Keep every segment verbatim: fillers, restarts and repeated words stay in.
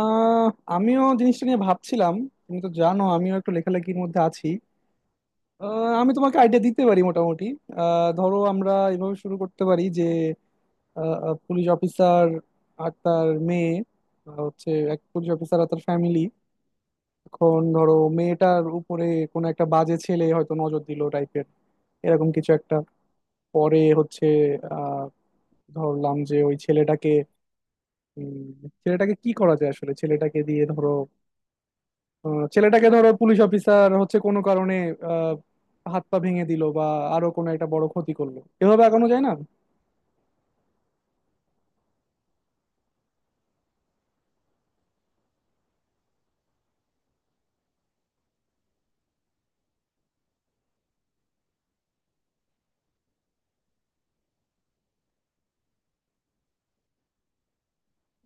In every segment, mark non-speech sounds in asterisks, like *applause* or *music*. আহ আমিও জিনিসটা নিয়ে ভাবছিলাম। তুমি তো জানো আমিও একটু লেখালেখির মধ্যে আছি। আহ, আমি তোমাকে আইডিয়া দিতে পারি মোটামুটি। আহ, ধরো আমরা এভাবে শুরু করতে পারি যে পুলিশ অফিসার আর তার মেয়ে। আহ, হচ্ছে এক পুলিশ অফিসার আর তার ফ্যামিলি। এখন ধরো মেয়েটার উপরে কোনো একটা বাজে ছেলে হয়তো নজর দিল টাইপের, এরকম কিছু একটা। পরে হচ্ছে আহ ধরলাম যে ওই ছেলেটাকে, উম, ছেলেটাকে কি করা যায়, আসলে ছেলেটাকে দিয়ে ধরো আহ, ছেলেটাকে ধরো পুলিশ অফিসার হচ্ছে কোনো কারণে আহ, হাত পা ভেঙে দিল বা আরো কোনো একটা বড় ক্ষতি করলো, এভাবে এগোনো যায় না।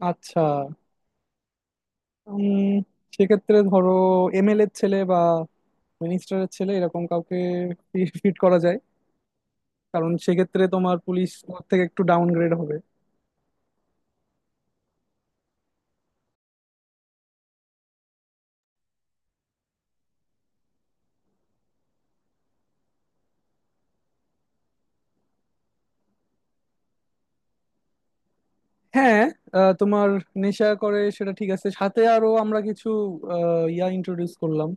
আচ্ছা, উম, সেক্ষেত্রে ধরো এমএলএ এর ছেলে বা মিনিস্টারের ছেলে এরকম কাউকে ফিট করা যায়, কারণ সেক্ষেত্রে তোমার পুলিশ থেকে একটু ডাউনগ্রেড হবে। হ্যাঁ, আহ, তোমার নেশা করে সেটা ঠিক আছে, সাথে আরো আমরা কিছু আহ, ইয়া ইন্ট্রোডিউস করলাম,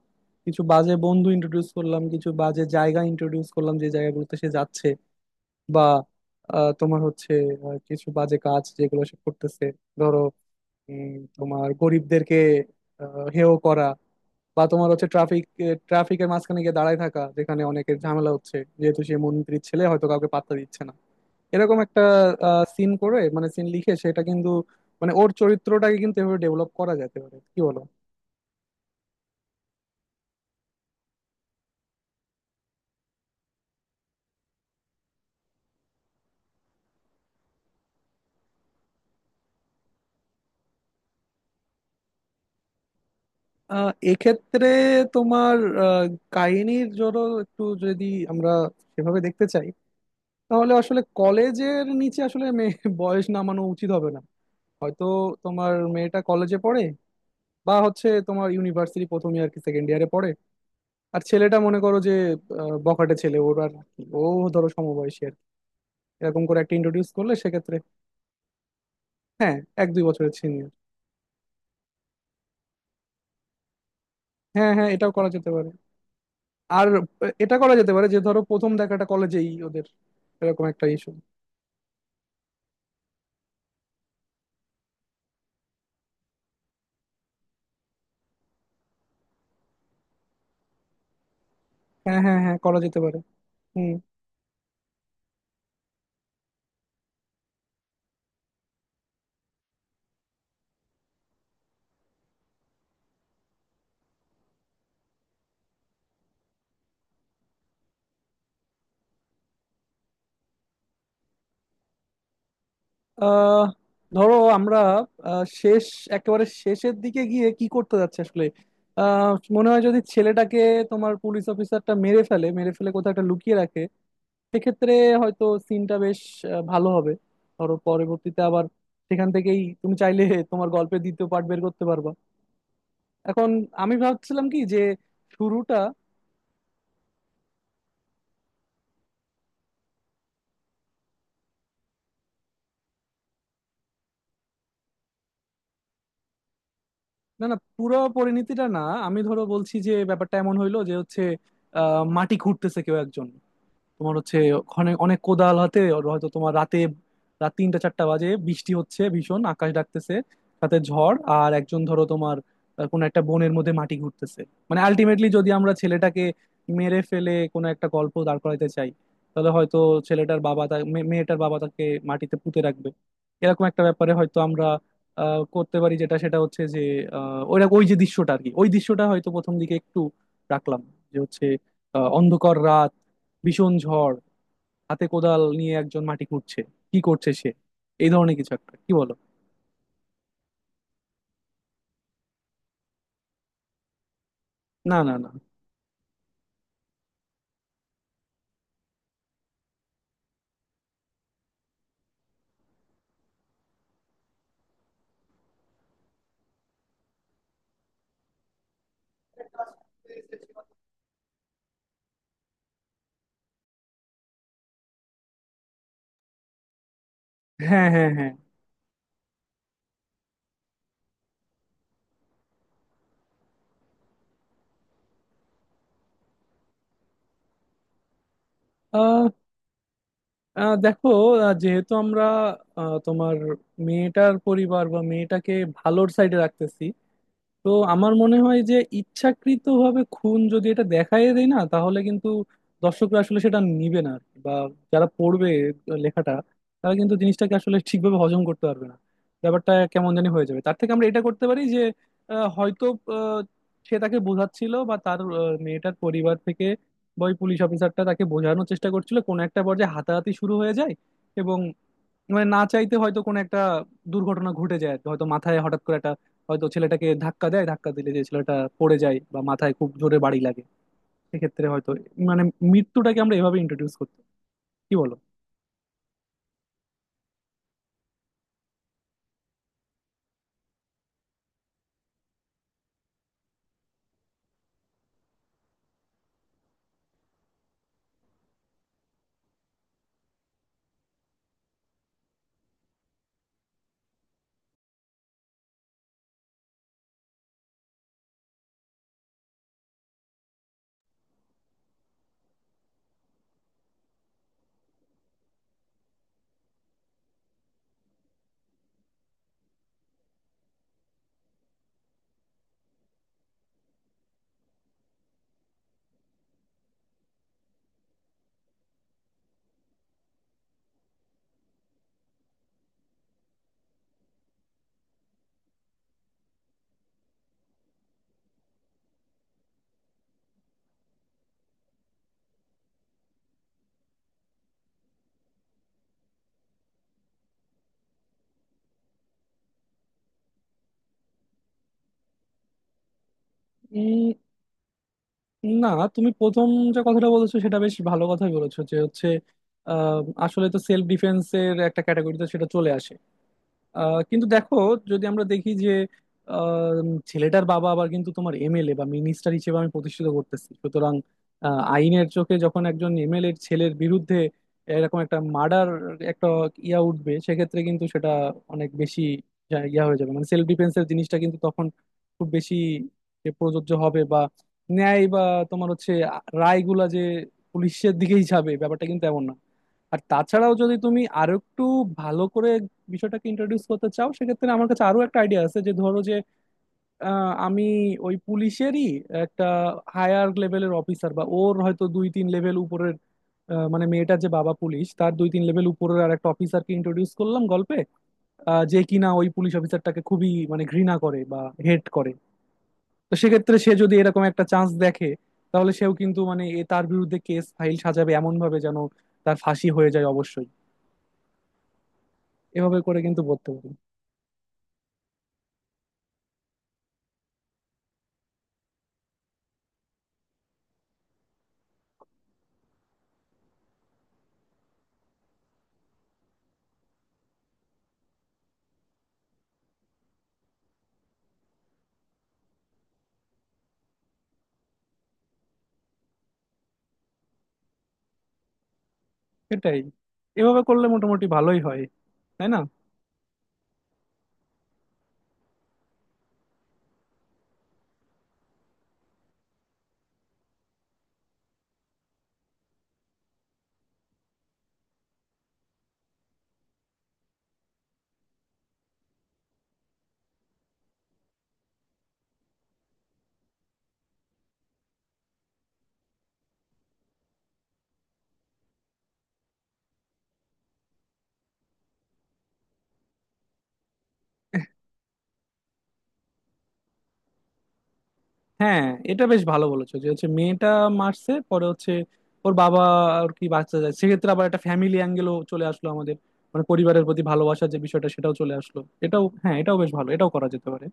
কিছু বাজে বন্ধু ইন্ট্রোডিউস করলাম, কিছু বাজে জায়গা ইন্ট্রোডিউস করলাম যে জায়গাগুলোতে সে যাচ্ছে, বা আহ, তোমার হচ্ছে আহ, কিছু বাজে কাজ যেগুলো সে করতেছে। ধরো উম, তোমার গরিবদেরকে আহ, হেয় করা, বা তোমার হচ্ছে ট্রাফিক ট্রাফিকের মাঝখানে গিয়ে দাঁড়ায় থাকা, যেখানে অনেকের ঝামেলা হচ্ছে, যেহেতু সে মন্ত্রীর ছেলে হয়তো কাউকে পাত্তা দিচ্ছে না, এরকম একটা সিন করে, মানে সিন লিখে সেটা কিন্তু, মানে ওর চরিত্রটাকে কিন্তু এভাবে ডেভেলপ করা যেতে পারে, কি বলো? আহ, এক্ষেত্রে তোমার আহ, কাহিনীর জন্য একটু যদি আমরা সেভাবে দেখতে চাই, তাহলে আসলে কলেজের নিচে আসলে মেয়ে *laughs* বয়স নামানো উচিত হবে না। হয়তো তোমার মেয়েটা কলেজে পড়ে, বা হচ্ছে তোমার ইউনিভার্সিটি প্রথম ইয়ার কি সেকেন্ড ইয়ারে পড়ে। আর ছেলেটা মনে করো যে আহ, বখাটে ছেলে, ওর আর কি, ও ধরো সমবয়সী আর কি। এরকম করে একটা ইন্ট্রোডিউস করলে সেক্ষেত্রে হ্যাঁ, এক দুই বছরের সিনিয়র। হ্যাঁ হ্যাঁ, এটাও করা যেতে পারে। আর আহ, এটা করা যেতে পারে যে ধরো প্রথম দেখাটা কলেজেই ওদের, এরকম একটা ইস্যু। হ্যাঁ হ্যাঁ হ্যাঁ, করা যেতে পারে। হুম। আহ ধরো আমরা আহ, শেষ একেবারে শেষের দিকে গিয়ে কি করতে যাচ্ছে আসলে, আহ, মনে হয় যদি ছেলেটাকে তোমার পুলিশ অফিসারটা মেরে ফেলে মেরে ফেলে কোথাও একটা লুকিয়ে রাখে, সেক্ষেত্রে হয়তো সিনটা বেশ আহ, ভালো হবে। ধরো পরবর্তীতে আবার সেখান থেকেই তুমি চাইলে তোমার গল্পের দ্বিতীয় পার্ট বের করতে পারবা। এখন আমি ভাবছিলাম কি যে শুরুটা, না না পুরো পরিণতিটা না। আমি ধরো বলছি যে ব্যাপারটা এমন হইলো যে হচ্ছে আহ মাটি খুঁড়তেছে কেউ একজন, তোমার হচ্ছে ওখানে অনেক কোদাল হাতে, ওর হয়তো তোমার রাতে, রাত তিনটা চারটা বাজে, বৃষ্টি হচ্ছে ভীষণ, আকাশ ডাকতেছে সাথে ঝড়, আর একজন ধরো তোমার আহ, কোনো একটা বনের মধ্যে মাটি ঘুরতেছে। মানে আলটিমেটলি যদি আমরা ছেলেটাকে মেরে ফেলে কোনো একটা গল্প দাঁড় করাইতে চাই, তাহলে হয়তো ছেলেটার বাবা তা মে- মেয়েটার বাবা তাকে মাটিতে পুঁতে রাখবে। এরকম একটা ব্যাপারে হয়তো আমরা আহ, করতে পারি, যেটা সেটা হচ্ছে যে আহ, ওই ওই যে দৃশ্যটা আর কি, ওই দৃশ্যটা হয়তো প্রথম দিকে একটু রাখলাম, যে হচ্ছে আহ, অন্ধকার রাত, ভীষণ ঝড়, হাতে কোদাল নিয়ে একজন মাটি খুঁড়ছে, কি করছে সে, এই ধরনের কিছু একটা, কি বলো? না না না। হ্যাঁ হ্যাঁ হ্যাঁ। আহ, আহ, দেখো, আহ, যেহেতু আমরা আহ, তোমার মেয়েটার পরিবার বা মেয়েটাকে ভালোর সাইডে রাখতেছি, তো আমার মনে হয় যে ইচ্ছাকৃতভাবে খুন যদি এটা দেখায় দেয় না তাহলে কিন্তু দর্শকরা আসলে সেটা নিবে না আর কি। বা যারা পড়বে লেখাটা, তারা কিন্তু জিনিসটাকে আসলে ঠিকভাবে হজম করতে পারবে না, ব্যাপারটা কেমন জানি হয়ে যাবে। তার থেকে আমরা এটা করতে পারি যে আহ, হয়তো আহ, সে তাকে বোঝাচ্ছিল বা তার আহ, মেয়েটার পরিবার থেকে, বা ওই পুলিশ অফিসারটা তাকে বোঝানোর চেষ্টা করছিল, কোনো একটা পর্যায়ে হাতাহাতি শুরু হয়ে যায়, এবং মানে না চাইতে হয়তো কোনো একটা দুর্ঘটনা ঘটে যায় আর কি। হয়তো মাথায় হঠাৎ করে একটা, হয়তো ছেলেটাকে ধাক্কা দেয়, ধাক্কা দিলে যে ছেলেটা পড়ে যায় বা মাথায় খুব জোরে বাড়ি লাগে, সেক্ষেত্রে হয়তো, মানে মৃত্যুটাকে আমরা এভাবে ইন্ট্রোডিউস করতে, কি বলো? উম, না, তুমি প্রথম যে কথাটা বলেছো সেটা বেশ ভালো কথাই বলেছো, যে হচ্ছে আহ, আসলে তো সেলফ ডিফেন্সের একটা ক্যাটাগরিতে সেটা চলে আসে। আহ, কিন্তু দেখো, যদি আমরা দেখি যে আহ, ছেলেটার বাবা আবার কিন্তু তোমার এমএলএ বা মিনিস্টার হিসেবে আমি প্রতিষ্ঠিত করতেছি, সুতরাং আহ, আইনের চোখে যখন একজন এমএলএ ছেলের বিরুদ্ধে এরকম একটা মার্ডার, একটা ইয়া উঠবে, সেক্ষেত্রে কিন্তু সেটা অনেক বেশি যা- ইয়া হয়ে যাবে, মানে সেলফ ডিফেন্সের জিনিসটা কিন্তু তখন খুব বেশি যে প্রযোজ্য হবে, বা ন্যায় বা তোমার হচ্ছে আ- রায়গুলা যে পুলিশের দিকেই যাবে, ব্যাপারটা কিন্তু এমন না। আর তাছাড়াও যদি তুমি আরো একটু ভালো করে বিষয়টাকে ইন্ট্রোডিউস করতে চাও, সেক্ষেত্রে আমার কাছে আরো একটা আইডিয়া আছে, যে ধরো যে আহ, আমি ওই পুলিশেরই একটা হায়ার লেভেলের অফিসার, বা ওর হয়তো দুই তিন লেভেল উপরের, আহ, মানে মেয়েটার যে বাবা পুলিশ তার দুই তিন লেভেল উপরের আর একটা অফিসারকে ইন্ট্রোডিউস করলাম গল্পে, আহ, যে কিনা ওই পুলিশ অফিসারটাকে খুবই মানে ঘৃণা করে বা হেট করে। তো সেক্ষেত্রে সে যদি এরকম একটা চান্স দেখে, তাহলে সেও কিন্তু মানে এ তার বিরুদ্ধে কেস ফাইল সাজাবে এমন ভাবে, যেন তার ফাঁসি হয়ে যায় অবশ্যই, এভাবে করে কিন্তু পড়তে পারি। এটাই, এভাবে করলে মোটামুটি ভালোই হয়, তাই না? হ্যাঁ, এটা বেশ ভালো বলেছো, যে হচ্ছে মেয়েটা মারছে, পরে হচ্ছে ওর বাবা আর কি বাঁচতে যায়, সেক্ষেত্রে আবার একটা ফ্যামিলি অ্যাঙ্গেলও চলে আসলো আমাদের, মানে পরিবারের প্রতি ভালোবাসার যে বিষয়টা সেটাও চলে আসলো। এটাও হ্যাঁ, এটাও বেশ ভালো, এটাও করা যেতে পারে।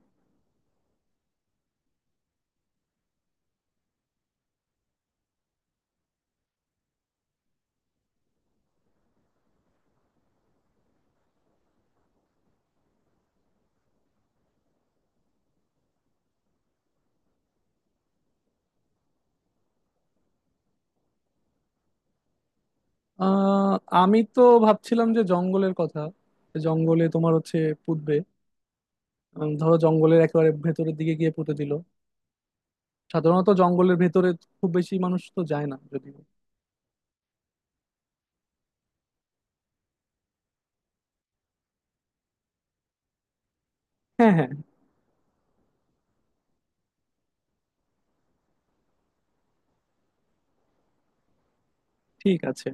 আহ আমি তো ভাবছিলাম যে জঙ্গলের কথা, জঙ্গলে তোমার হচ্ছে পুঁতবে, উম, ধরো জঙ্গলের একেবারে ভেতরের দিকে গিয়ে পুঁতে দিল, সাধারণত জঙ্গলের ভেতরে খুব বেশি মানুষ তো যায় না যদিও। হ্যাঁ হ্যাঁ, ঠিক আছে।